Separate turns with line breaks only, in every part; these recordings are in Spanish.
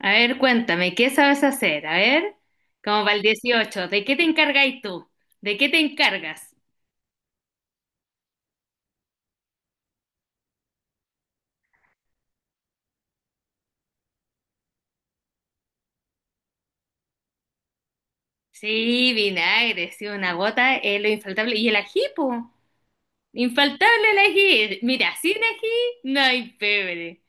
A ver, cuéntame, ¿qué sabes hacer? A ver, como para el 18, ¿de qué te encargáis tú? ¿De qué te encargas? Sí, vinagre, sí, una gota es lo infaltable. ¿Y el ají, po? Infaltable el ají. Mira, sin ají no hay pebre.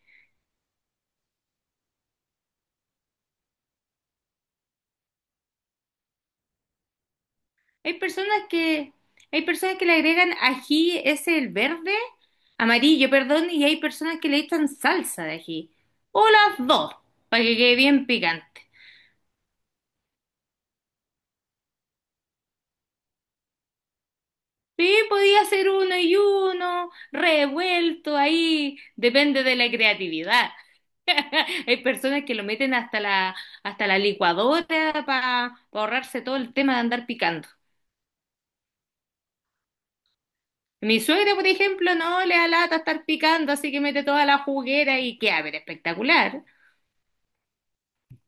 Hay personas que, hay personas que le agregan ají, es el verde, amarillo, perdón, y hay personas que le echan salsa de ají. O las dos, para que quede bien picante. Sí, podía hacer uno y uno, revuelto ahí, depende de la creatividad. Hay personas que lo meten hasta la licuadora para ahorrarse todo el tema de andar picando. Mi suegra, por ejemplo, no le da lata estar picando, así que mete toda la juguera y queda, pero espectacular.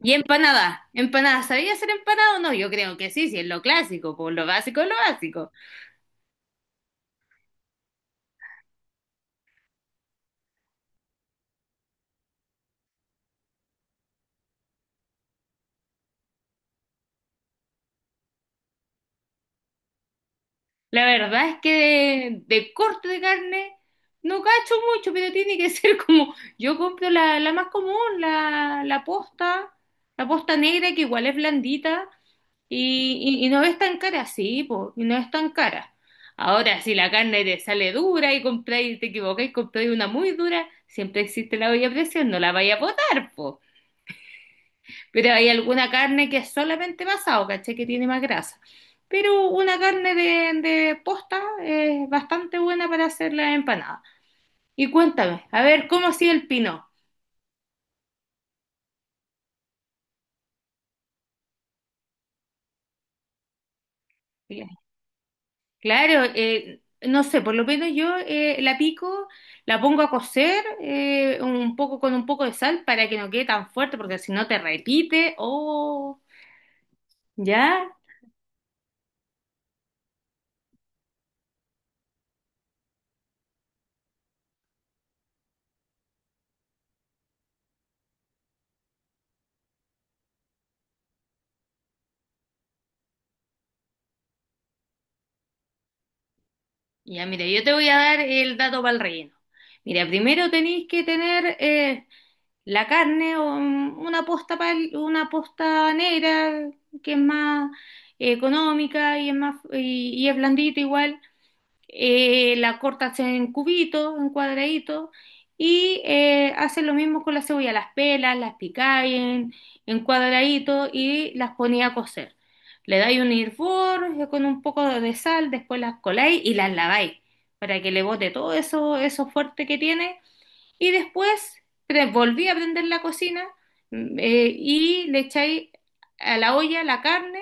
Y empanadas, empanadas, ¿sabía hacer empanadas o no? Yo creo que sí, si es lo clásico, por lo básico es lo básico. La verdad es que de corte de carne no cacho mucho, pero tiene que ser como, yo compro la más común, la posta negra que igual es blandita y no es tan cara, sí, po, y no es tan cara. Ahora, si la carne te sale dura y compráis, te equivocáis, compráis una muy dura, siempre existe la olla a presión, no la vaya a botar, po. Pero hay alguna carne que es solamente pasado, ¿cachai? Que tiene más grasa. Pero una carne de posta es bastante buena para hacer la empanada. Y cuéntame, a ver, ¿cómo ha sido el pino? Cla- Claro, no sé, por lo menos yo la pico, la pongo a cocer un poco con un poco de sal para que no quede tan fuerte, porque si no te repite. Oh, ya, ya, mira, yo te voy a dar el dato para el relleno. Mira, primero tenéis que tener la carne o una posta, una posta negra que es más económica y es más y es blandito igual. La cortas en cubitos, en cuadraditos y haces lo mismo con la cebolla, las pelas, las picáis en cuadraditos y las ponía a cocer. Le dais un hervor con un poco de sal, después las coláis y las laváis para que le bote todo eso, eso fuerte que tiene y después volví a prender la cocina y le echáis a la olla la carne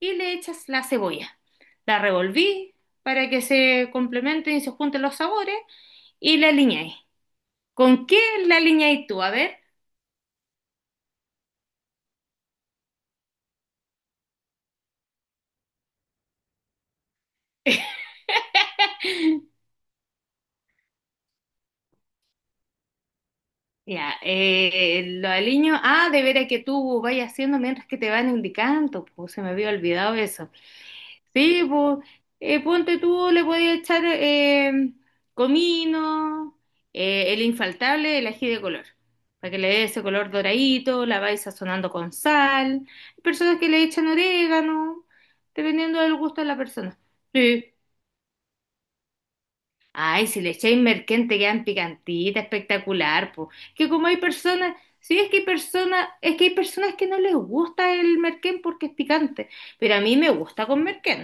y le echas la cebolla. La revolví para que se complementen y se junten los sabores y la aliñáis. ¿Con qué la aliñáis tú? A ver. Ya, lo aliño. Ah, de veras que tú vayas haciendo mientras que te van indicando. Pues se me había olvidado eso. Sí, pues, ponte tú, le podías echar comino, el infaltable, el ají de color, para que le dé ese color doradito, la vais sazonando con sal. Hay personas que le echan orégano, dependiendo del gusto de la persona. Sí. Ay, si le echáis merquén te quedan picantitas, espectacular, pues. Que como hay personas, sí es que hay personas que no les gusta el merquén porque es picante, pero a mí me gusta con merquén.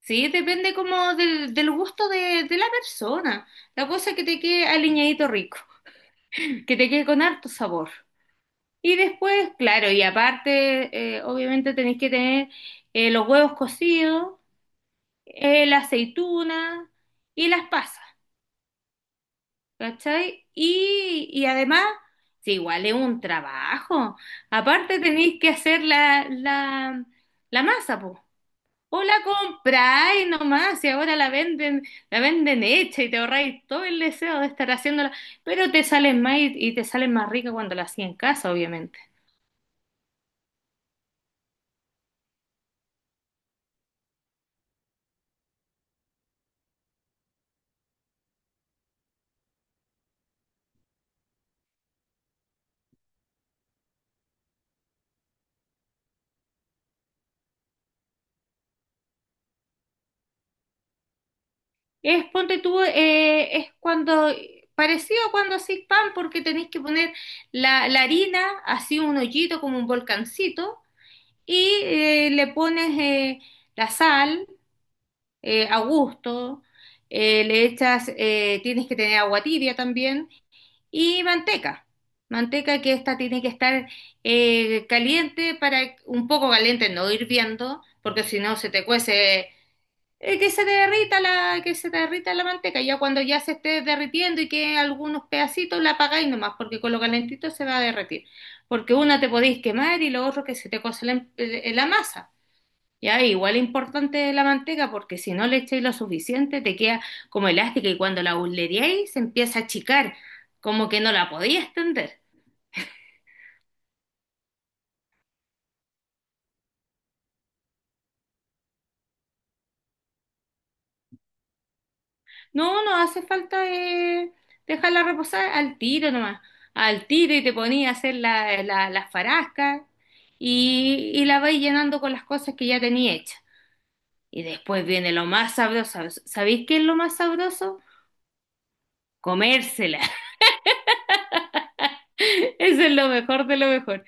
Sí, depende como del, del gusto de la persona. La cosa es que te quede aliñadito rico, que te quede con harto sabor. Y después, claro, y aparte, obviamente tenéis que tener los huevos cocidos, la aceituna y las pasas, ¿cachai? Y además, sí, igual es un trabajo. Aparte tenéis que hacer la masa, po. O la compráis nomás y ahora la venden hecha y te ahorráis todo el deseo de estar haciéndola, pero te salen más y te salen más rica cuando la hacía en casa, obviamente. Es, ponte tú, es cuando, parecido a cuando hacéis pan, porque tenéis que poner la harina, así un hoyito como un volcancito, y le pones la sal a gusto, le echas, tienes que tener agua tibia también y manteca. Manteca que esta tiene que estar caliente para un poco caliente, no hirviendo, porque si no se te cuece, que se te derrita la manteca. Ya cuando ya se esté derritiendo y que algunos pedacitos la apagáis nomás, porque con lo calentito se va a derretir. Porque una te podéis quemar y lo otro que se te cuece la masa. Ya, igual es importante la manteca porque si no le echáis lo suficiente te queda como elástica y cuando la burleríais se empieza a achicar, como que no la podía extender. No, no hace falta dejarla reposar al tiro nomás, al tiro y te ponía a hacer las farascas y la vais llenando con las cosas que ya tenía hecha. Y después viene lo más sabroso. ¿Sabéis qué es lo más sabroso? Comérsela. Eso es lo mejor de lo mejor.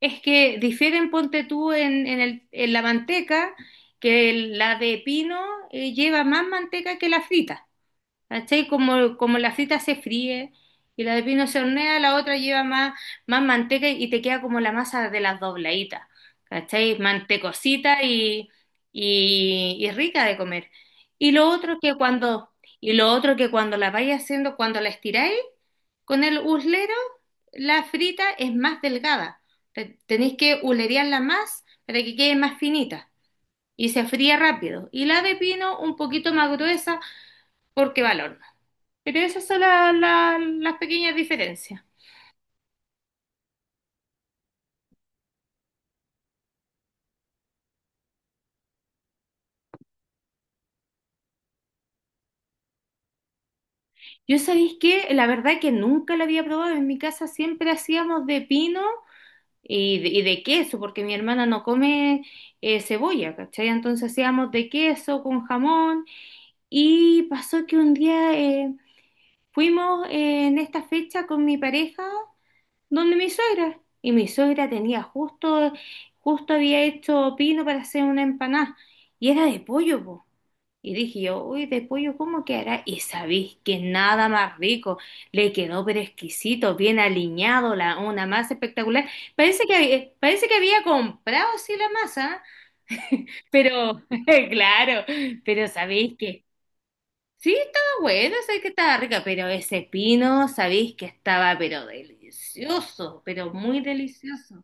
Es que difieren, ponte tú, en la manteca, que la de pino lleva más manteca que la frita. ¿Cachai? Como, como la frita se fríe y la de pino se hornea, la otra lleva más, más manteca y te queda como la masa de las dobladitas. ¿Cachai? Mantecosita y rica de comer. Y lo otro que cuando, y lo otro que cuando la vais haciendo, cuando la estiráis, con el uslero, la frita es más delgada. Tenéis que ulerearla más para que quede más finita y se fría rápido. Y la de pino un poquito más gruesa porque va al horno. Pero esas son las pequeñas diferencias. Yo sabéis que la verdad que nunca la había probado. En mi casa siempre hacíamos de pino y de queso porque mi hermana no come cebolla, ¿cachai? Entonces hacíamos de queso con jamón. Y pasó que un día fuimos en esta fecha con mi pareja donde mi suegra. Y mi suegra tenía justo había hecho pino para hacer una empanada. Y era de pollo, po. Y dije yo, uy, de pollo, ¿cómo quedará? Y sabéis que nada más rico. Le quedó pero exquisito, bien aliñado, la, una masa espectacular. Parece que había comprado sí la masa, ¿ah? Pero claro, pero sabéis que sí, estaba bueno, sé que estaba rica, pero ese pino, sabéis que estaba, pero delicioso, pero muy delicioso.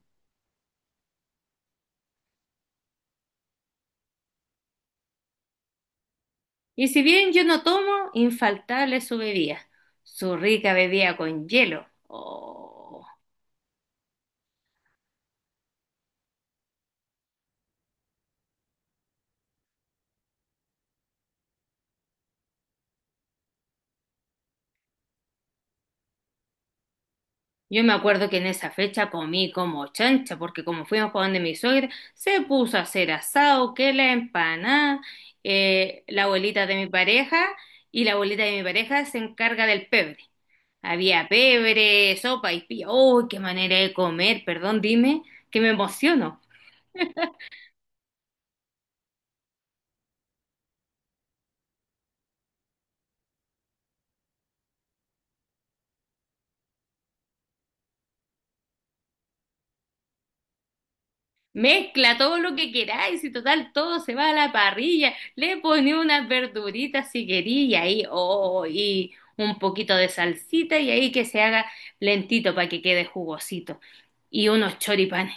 Y si bien yo no tomo, infaltable su bebida, su rica bebida con hielo. Oh. Yo me acuerdo que en esa fecha comí como chancha, porque como fuimos para donde mi suegra, se puso a hacer asado, que la empanada, la abuelita de mi pareja, y la abuelita de mi pareja se encarga del pebre. Había pebre, sopa y pilla. ¡Uy, qué manera de comer! Perdón, dime, que me emociono. Mezcla todo lo que queráis y total todo se va a la parrilla. Le poní unas verduritas si quería y ahí, oh, y un poquito de salsita y ahí que se haga lentito para que quede jugosito. Y unos choripanes.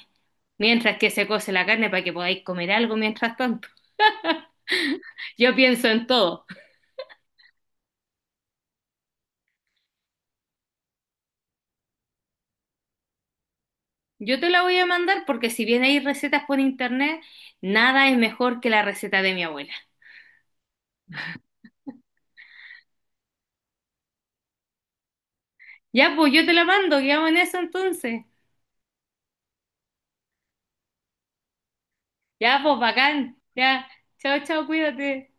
Mientras que se cose la carne para que podáis comer algo mientras tanto. Yo pienso en todo. Yo te la voy a mandar porque si bien hay recetas por internet, nada es mejor que la receta de mi abuela. Ya, pues yo te la mando, quedamos en eso entonces. Ya, pues bacán. Ya. Chao, chao, cuídate.